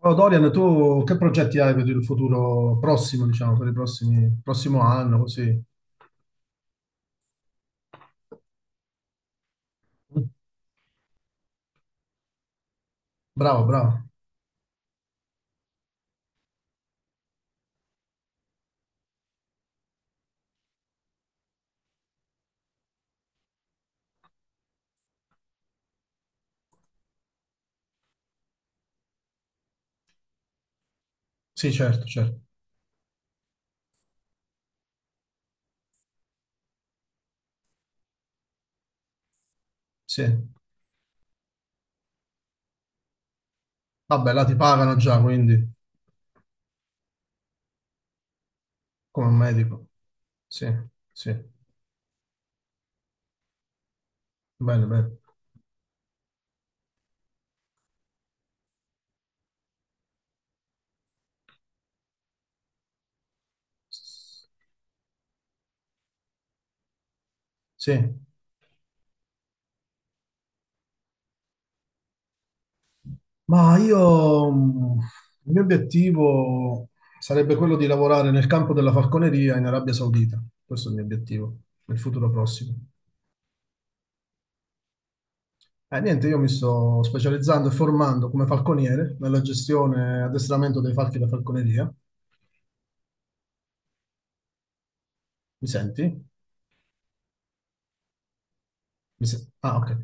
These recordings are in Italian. Oh, Dorian, tu che progetti hai per il futuro prossimo, diciamo, per prossimo anno, così? Bravo, bravo. Sì, certo, certo. Sì. Vabbè, là ti pagano già, quindi, come un medico. Sì, sì. Bene, bene. Sì. Ma io, il mio obiettivo sarebbe quello di lavorare nel campo della falconeria in Arabia Saudita. Questo è il mio obiettivo nel futuro prossimo. Niente, io mi sto specializzando e formando come falconiere nella gestione e addestramento dei falchi da falconeria. Mi senti? Mi se- Ah, ok.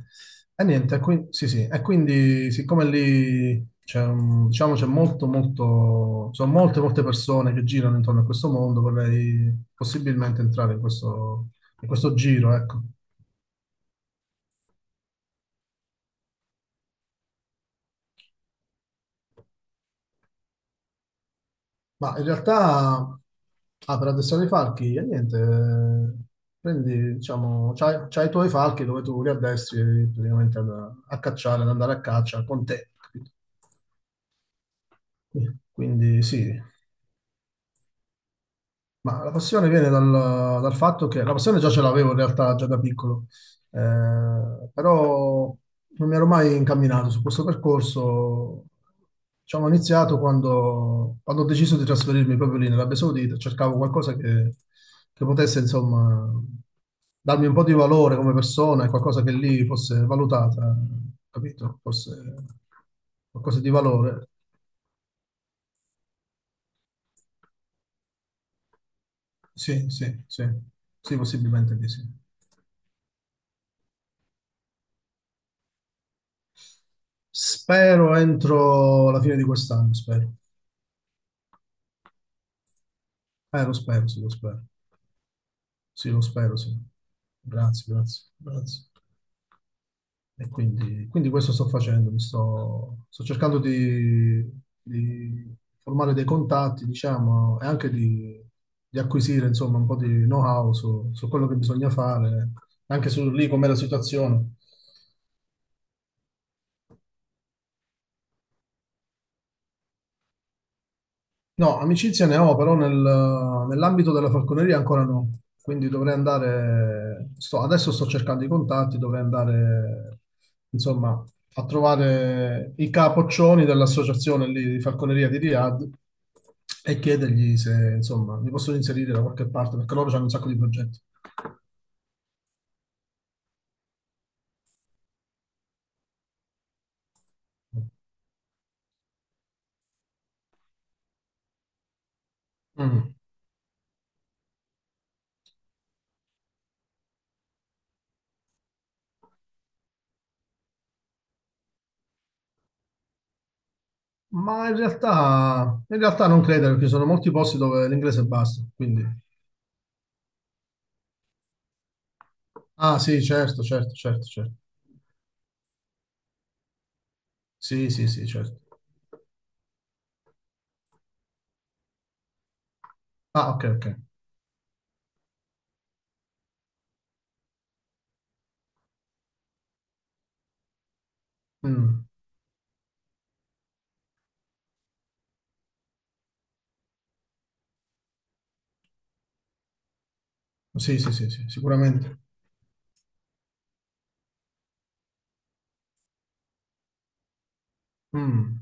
E niente, sì, sì. E quindi, siccome lì diciamo, c'è molto, molto, sono molte, molte persone che girano intorno a questo mondo, vorrei possibilmente entrare in questo giro, ecco. Ma in realtà, ah, per addestrare i falchi, niente, prendi, diciamo, c'hai i tuoi falchi dove tu li addestri praticamente a, cacciare, ad andare a caccia con te, capito? Quindi sì. Ma la passione viene dal, dal fatto che la passione già ce l'avevo in realtà già da piccolo, però non mi ero mai incamminato su questo percorso. Diciamo, ho iniziato quando, quando ho deciso di trasferirmi proprio lì nell'Arabia Saudita, cercavo qualcosa che potesse, insomma, darmi un po' di valore come persona e qualcosa che lì fosse valutata, capito? Fosse qualcosa di valore. Sì, sì, sì, sì, possibilmente di sì. Spero entro la fine di quest'anno, spero. Lo spero, sì, lo spero. Sì, lo spero, sì. Grazie, grazie, grazie. E quindi, quindi questo sto facendo, mi sto, sto cercando di formare dei contatti, diciamo, e anche di acquisire, insomma, un po' di know-how su, su quello che bisogna fare, anche su lì com'è la situazione. No, amicizia ne ho, però nell'ambito della falconeria ancora no. Quindi dovrei andare, adesso sto cercando i contatti, dovrei andare, insomma, a trovare i capoccioni dell'associazione lì di falconeria di Riyadh e chiedergli se, insomma, mi possono inserire da qualche parte, perché loro hanno un sacco di progetti. Mm. Ma in realtà non credo, perché ci sono molti posti dove l'inglese basta, quindi... Ah, sì, certo, certo, certo, certo. Sì, sì, sì, certo. Ah, ok, ok. Mm. Sì, sì, sì, sì, sicuramente. Mm.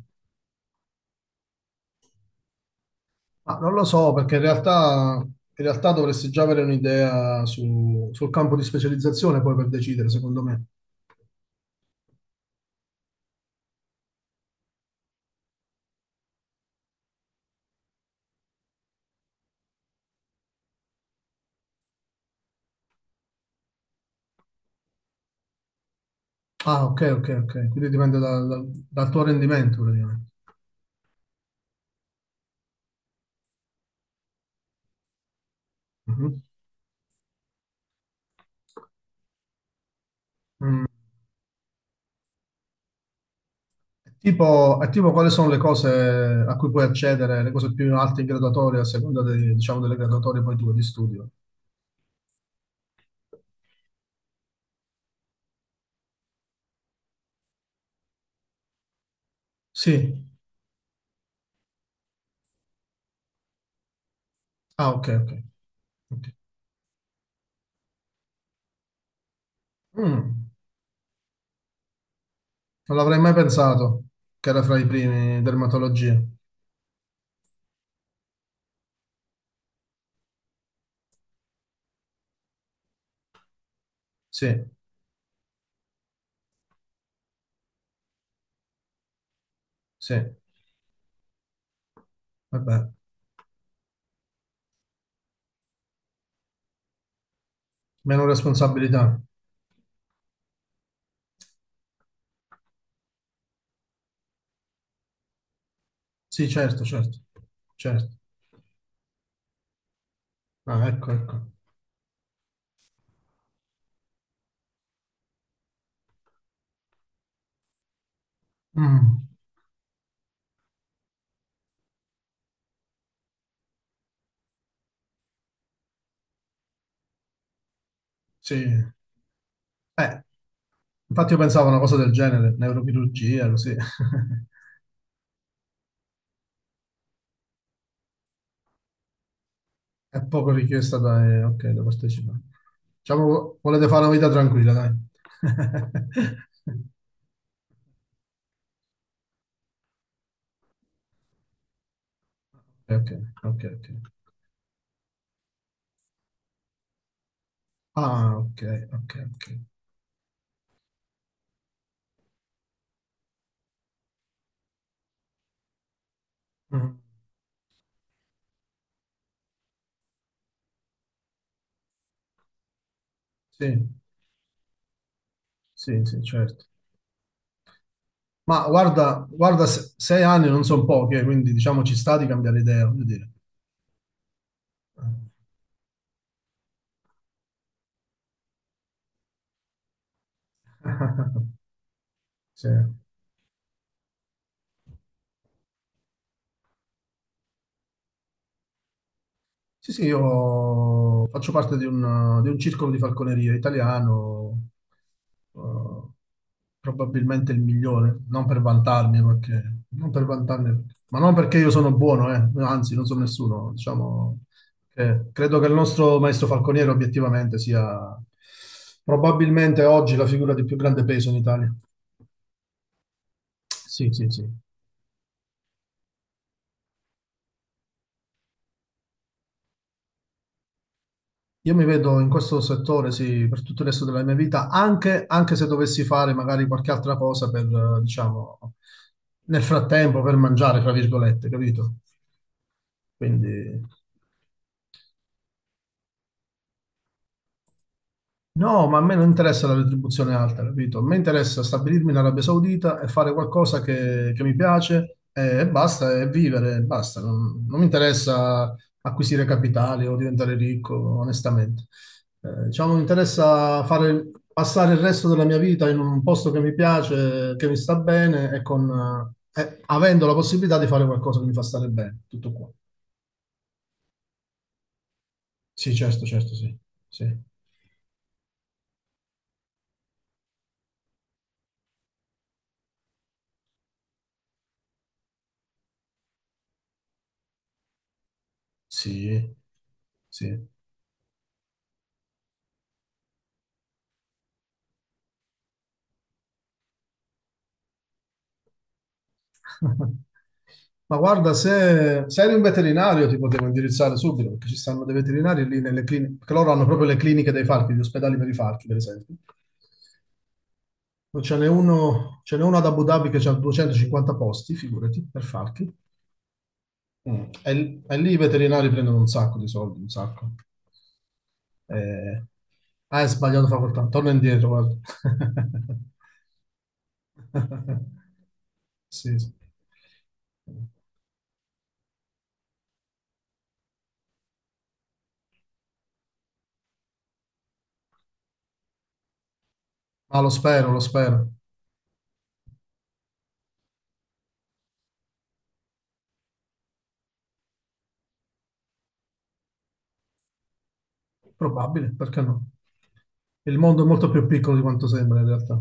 Ma non lo so, perché in realtà dovresti già avere un'idea sul campo di specializzazione poi per decidere, secondo me. Ah, ok, ok, ok. Quindi dipende dal, dal tuo rendimento, praticamente. Mhm. Mm. Tipo, e tipo, quali sono le cose a cui puoi accedere, le cose più alte in graduatoria, a seconda diciamo, delle graduatorie poi tue di studio? Sì. Ah, ok, ok. Ok. Mm. Non l'avrei mai pensato che era fra i primi dermatologia. Sì, sì, vabbè, meno responsabilità. Sì, certo, certo, certo. Ah, ecco, ecco. Mm, sì. Eh, infatti io pensavo a una cosa del genere, neurochirurgia, così. È poco richiesta da, ok, da partecipare. Diciamo, volete fare una vita tranquilla, dai. Ok, ok, ok. Ah, ok, ok, ok. Mm, sì, sì, sì, certo. Ma guarda, guarda, sei anni non sono poche, quindi diciamo ci sta di cambiare idea, voglio dire. Sì, sì, sì, io faccio parte di un circolo di falconeria italiano, eh, probabilmente il migliore, non per vantarmi, perché, non per vantarmi, ma non perché io sono buono, anzi non sono nessuno, diciamo che credo che il nostro maestro falconiere obiettivamente sia probabilmente oggi la figura di più grande peso in Italia. Sì, sì, sì. Io mi vedo in questo settore, sì, per tutto il resto della mia vita, anche, anche se dovessi fare magari qualche altra cosa per, diciamo, nel frattempo per mangiare, fra virgolette, capito? Quindi. No, ma a me non interessa la retribuzione alta, capito? A me interessa stabilirmi in Arabia Saudita e fare qualcosa che mi piace e basta, e vivere e basta. Non, non mi interessa acquisire capitali o diventare ricco, onestamente. Diciamo, mi interessa fare, passare il resto della mia vita in un posto che mi piace, che mi sta bene e con, avendo la possibilità di fare qualcosa che mi fa stare bene. Tutto qua. Sì, certo, certo, sì. Sì, sì, sì. Ma guarda, se, se eri un veterinario ti potevo indirizzare subito, perché ci stanno dei veterinari lì nelle cliniche, perché loro hanno proprio le cliniche dei falchi, gli ospedali per i falchi, per esempio. Non ce n'è uno, ce n'è uno ad Abu Dhabi che ha 250 posti, figurati, per falchi. Mm. E lì i veterinari prendono un sacco di soldi, un sacco. Eh, ah, hai sbagliato facoltà, torna indietro, guarda. Sì, sì. Ma lo spero, lo spero. Probabile, perché no? Il mondo è molto più piccolo di quanto sembra in realtà.